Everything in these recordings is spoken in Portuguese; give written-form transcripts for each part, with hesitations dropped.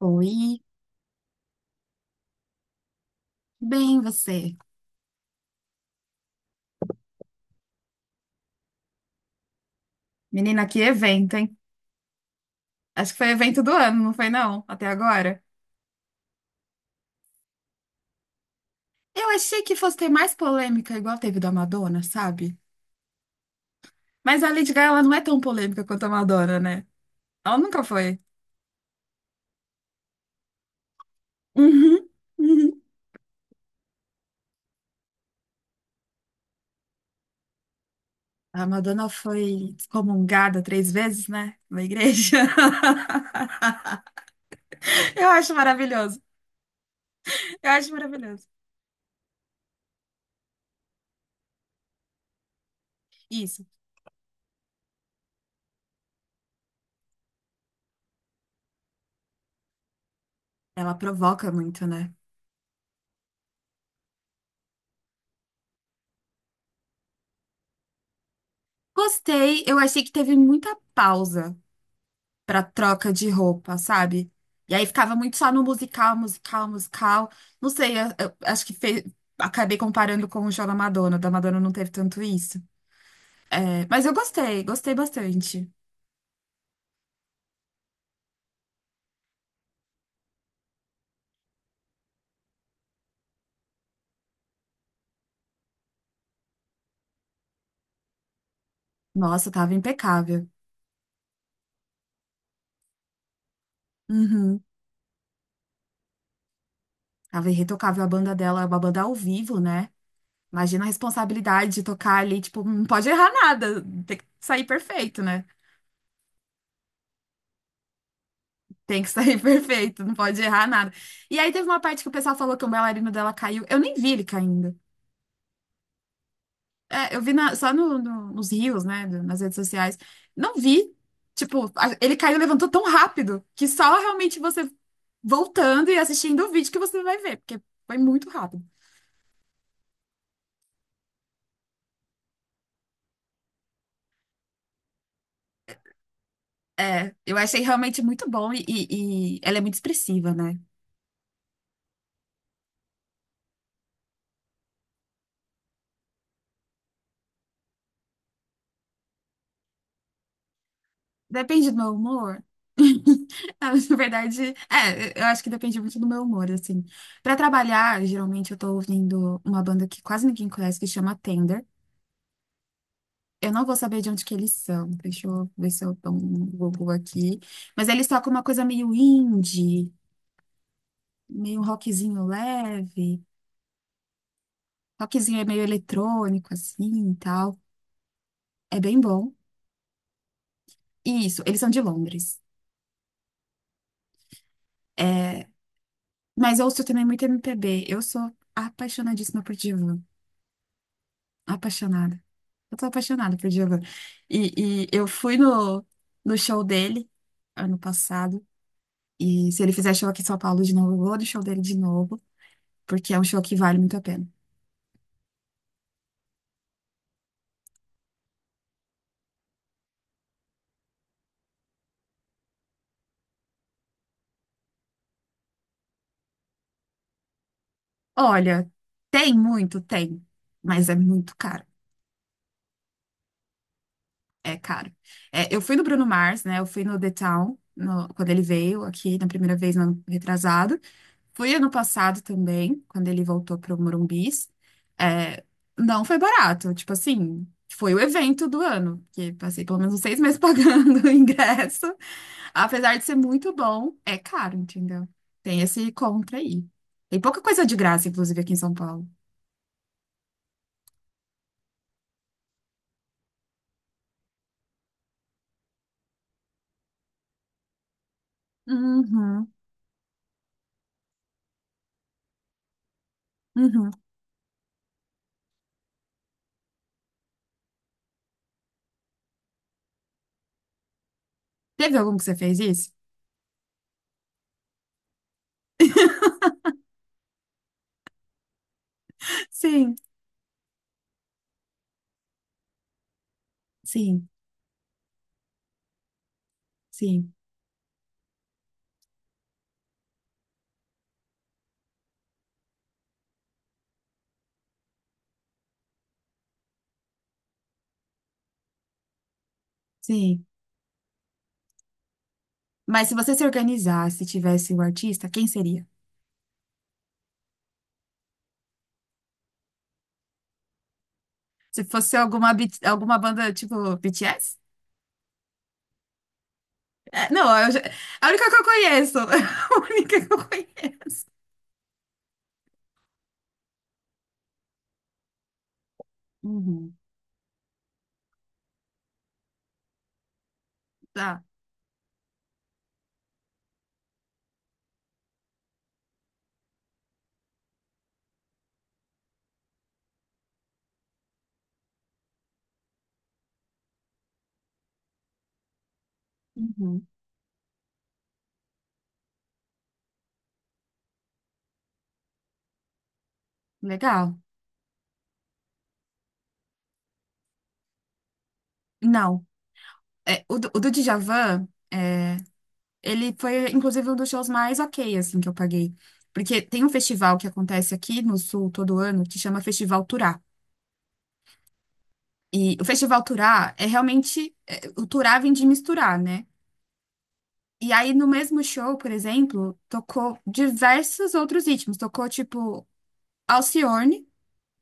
Oi, bem você. Menina, que evento, hein? Acho que foi evento do ano, não foi não? Até agora. Eu achei que fosse ter mais polêmica igual teve da Madonna, sabe? Mas a Lady Gaga, ela não é tão polêmica quanto a Madonna, né? Ela nunca foi. Uhum, uhum. A Madonna foi excomungada 3 vezes, né? Na igreja. Eu acho maravilhoso. Eu acho maravilhoso. Isso. Ela provoca muito, né? Gostei, eu achei que teve muita pausa pra troca de roupa, sabe? E aí ficava muito só no musical, musical, musical. Não sei, eu acho que acabei comparando com o show da Madonna. O Da Madonna não teve tanto isso. É, mas eu gostei, gostei bastante. Nossa, tava impecável. Uhum. Tava irretocável a banda dela, é uma banda ao vivo, né? Imagina a responsabilidade de tocar ali, tipo, não pode errar nada, tem que sair perfeito, né? Tem que sair perfeito, não pode errar nada. E aí teve uma parte que o pessoal falou que o bailarino dela caiu. Eu nem vi ele caindo. É, eu vi só nos rios, né, nas redes sociais. Não vi. Tipo, ele caiu e levantou tão rápido que só realmente você voltando e assistindo o vídeo que você vai ver, porque foi muito rápido. É, eu achei realmente muito bom e ela é muito expressiva, né? Depende do meu humor. Na verdade, é, eu acho que depende muito do meu humor, assim. Pra trabalhar, geralmente eu tô ouvindo uma banda que quase ninguém conhece, que chama Tender. Eu não vou saber de onde que eles são. Deixa eu ver se eu dou um Google aqui. Mas eles tocam uma coisa meio indie, meio rockzinho leve. Rockzinho é meio eletrônico, assim, e tal. É bem bom. E isso, eles são de Londres. É, mas eu ouço também muito MPB. Eu sou apaixonadíssima por Djavan. Apaixonada. Eu tô apaixonada por Djavan. E eu fui no show dele ano passado. E se ele fizer show aqui em São Paulo de novo, eu vou no show dele de novo, porque é um show que vale muito a pena. Olha, tem muito, tem, mas é muito caro. É caro. É, eu fui no Bruno Mars, né? Eu fui no The Town, quando ele veio aqui na primeira vez, no ano retrasado. Fui ano passado também, quando ele voltou pro Morumbis. É, não foi barato, tipo assim, foi o evento do ano, que passei pelo menos uns 6 meses pagando o ingresso. Apesar de ser muito bom, é caro, entendeu? Tem esse contra aí. Tem pouca coisa de graça, inclusive, aqui em São Paulo. Uhum, uhum. Teve algum que você fez isso? Sim. Sim, sim, sim. Mas se você se organizasse e tivesse o artista, quem seria? Se fosse alguma, alguma banda tipo BTS? É, não, a única que eu conheço. A única que eu conheço. Uhum. Tá. Uhum. Legal. Não. É, o do Djavan, é, ele foi, inclusive, um dos shows mais ok, assim, que eu paguei. Porque tem um festival que acontece aqui no Sul todo ano que chama Festival Turá. E o Festival Turá é realmente. O Turá vem de misturar, né? E aí, no mesmo show, por exemplo, tocou diversos outros ritmos. Tocou, tipo, Alcione,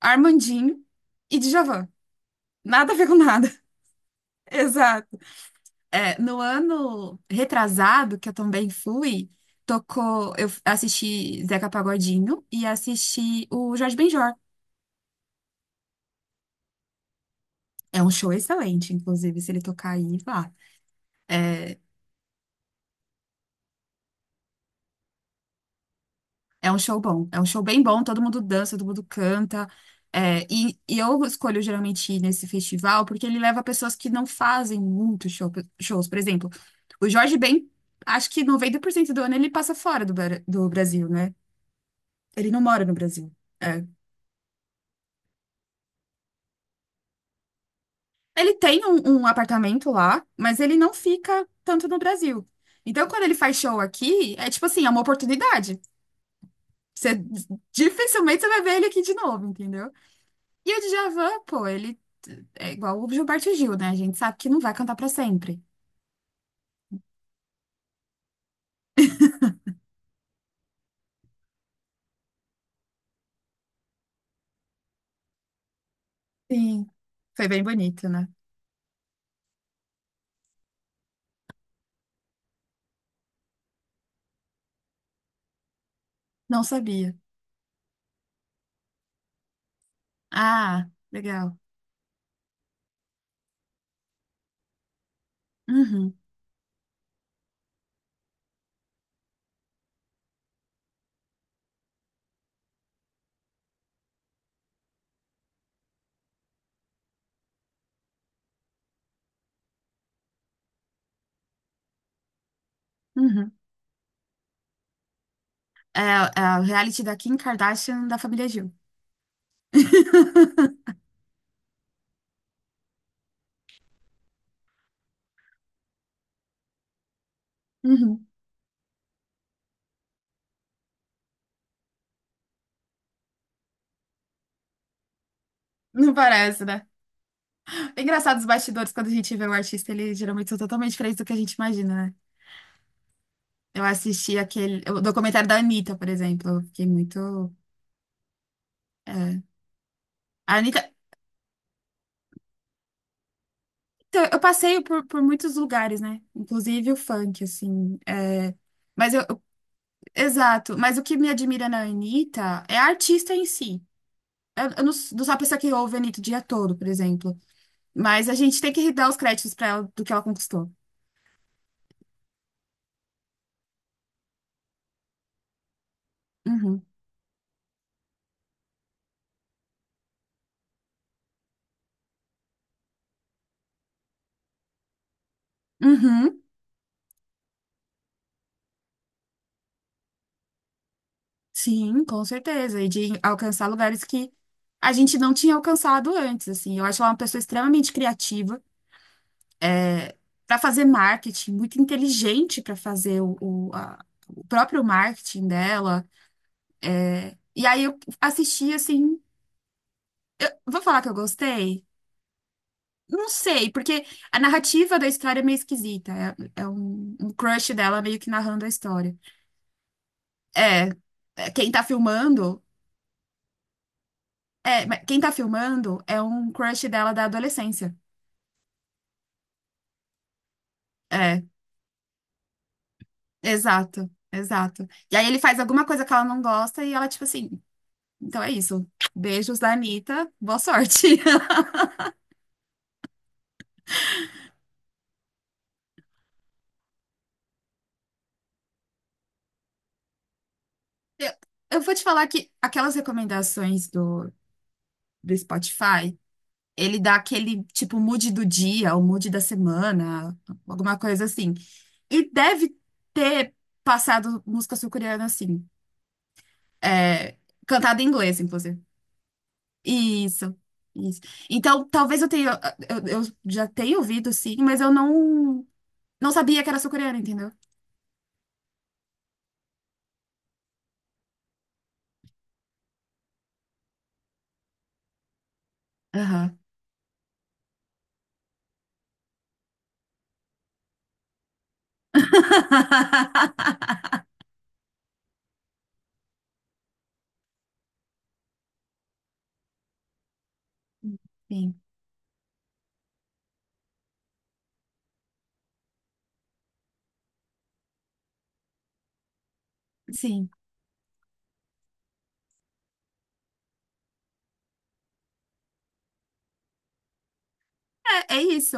Armandinho e Djavan. Nada a ver com nada. Exato. É, no ano retrasado, que eu também fui, tocou. Eu assisti Zeca Pagodinho e assisti o Jorge Benjor. É um show excelente, inclusive, se ele tocar aí, vá. É, É, um show bom, é um show bem bom, todo mundo dança, todo mundo canta. É, e eu escolho geralmente ir nesse festival porque ele leva pessoas que não fazem muito shows. Por exemplo, o Jorge Ben, acho que 90% do ano ele passa fora do Brasil, né? Ele não mora no Brasil. É. Ele tem um apartamento lá, mas ele não fica tanto no Brasil. Então, quando ele faz show aqui, é tipo assim, é uma oportunidade. Você, dificilmente você vai ver ele aqui de novo, entendeu? E o Djavan, pô, ele é igual o Gilberto Gil, né? A gente sabe que não vai cantar pra sempre. Sim. Foi bem bonito, né? Não sabia. Ah, legal. Uhum, uhum. É, é o reality da Kim Kardashian da família Gil. Uhum. Não parece, né? É engraçado os bastidores, quando a gente vê o artista, eles geralmente são totalmente diferentes do que a gente imagina, né? Eu assisti aquele, o documentário da Anitta, por exemplo. Eu fiquei muito. É. A Anitta, Então, eu passeio por muitos lugares, né? Inclusive o funk, assim. Mas eu, eu- Exato. Mas o que me admira na Anitta é a artista em si. Eu não sou a pessoa que ouve a Anitta o dia todo, por exemplo. Mas a gente tem que dar os créditos pra ela do que ela conquistou. Uhum. Uhum. Sim, com certeza. E de alcançar lugares que a gente não tinha alcançado antes, assim. Eu acho ela uma pessoa extremamente criativa para fazer marketing, muito inteligente para fazer o próprio marketing dela. E aí eu assisti assim, vou falar que eu gostei? Não sei, porque a narrativa da história é meio esquisita. É, é um crush dela meio que narrando a história. É, é, quem tá filmando, é, Mas quem tá filmando é um crush dela da adolescência. É, exato, exato. E aí ele faz alguma coisa que ela não gosta e ela, tipo assim, então é isso. Beijos da Anitta, boa sorte. Eu eu vou te falar que aquelas recomendações do Spotify, ele dá aquele tipo mood do dia, o mood da semana, alguma coisa assim. E deve ter passado música sul-coreana assim, é, cantada em inglês, inclusive. Isso, isso. Então, talvez eu tenha, eu já tenha ouvido sim, mas eu não sabia que era sul-coreana, entendeu? Aham. Sim, sim. É isso.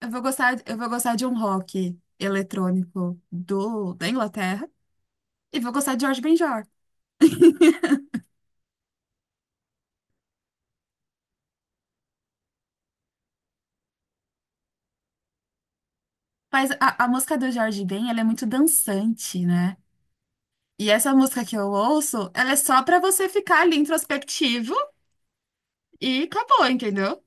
Eu vou gostar de um rock eletrônico da Inglaterra e vou gostar de Jorge Benjor. Mas a música do Jorge Ben, ela é muito dançante, né? E essa música que eu ouço, ela é só pra você ficar ali introspectivo e acabou, entendeu?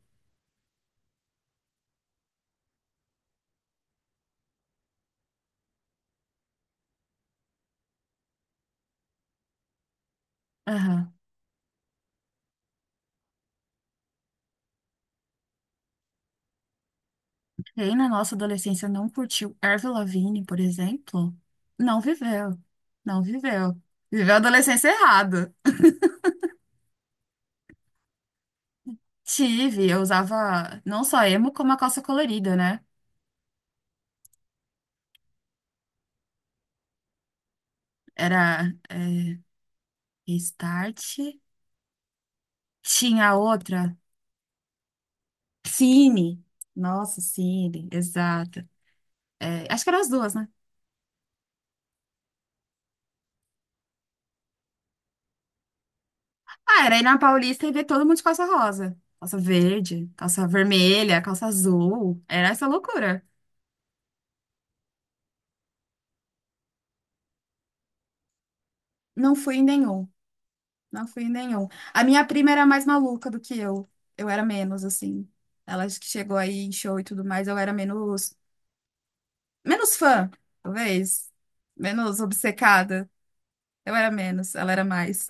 Aham. Quem na nossa adolescência não curtiu Avril Lavigne, por exemplo, não viveu. Não viveu. Viveu a adolescência errado. Tive, eu usava não só emo, como a calça colorida, né? Era. Restart. Tinha outra. Cine. Nossa, Cine. Exato. É, acho que eram as duas, né? Ah, era ir na Paulista e ver todo mundo de calça rosa. Calça verde, calça vermelha, calça azul. Era essa loucura. Não fui em nenhum. Não fui em nenhum. A minha prima era mais maluca do que eu. Eu era menos, assim. Ela acho que chegou aí em show e tudo mais. Eu era menos... Menos fã, talvez. Menos obcecada. Eu era menos. Ela era mais.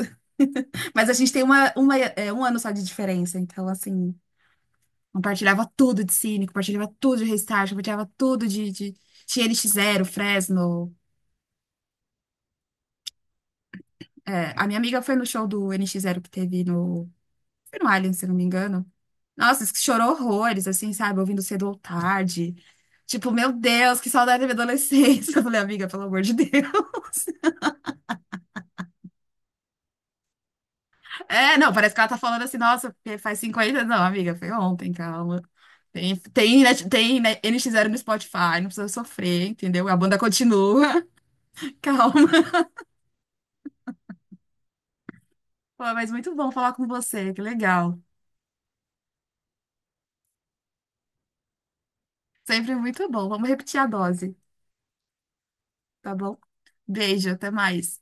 Mas a gente tem um ano só de diferença, então, assim, compartilhava tudo de Cine, compartilhava tudo de Restart, compartilhava tudo de... Tinha NX Zero, Fresno. É, a minha amiga foi no show do N NX Zero que teve no... Foi no Alien se não me engano. Nossa, chorou horrores, assim, sabe? Ouvindo cedo ou tarde. Tipo, meu Deus, que saudade da minha adolescência. Eu falei, amiga, pelo amor de Deus. É, não, parece que ela tá falando assim, nossa, porque faz 50. Não, amiga, foi ontem, calma. Tem, né, NX0 no Spotify, não precisa sofrer, entendeu? A banda continua. Calma. Pô, mas muito bom falar com você, que legal. Sempre muito bom. Vamos repetir a dose, tá bom? Beijo, até mais.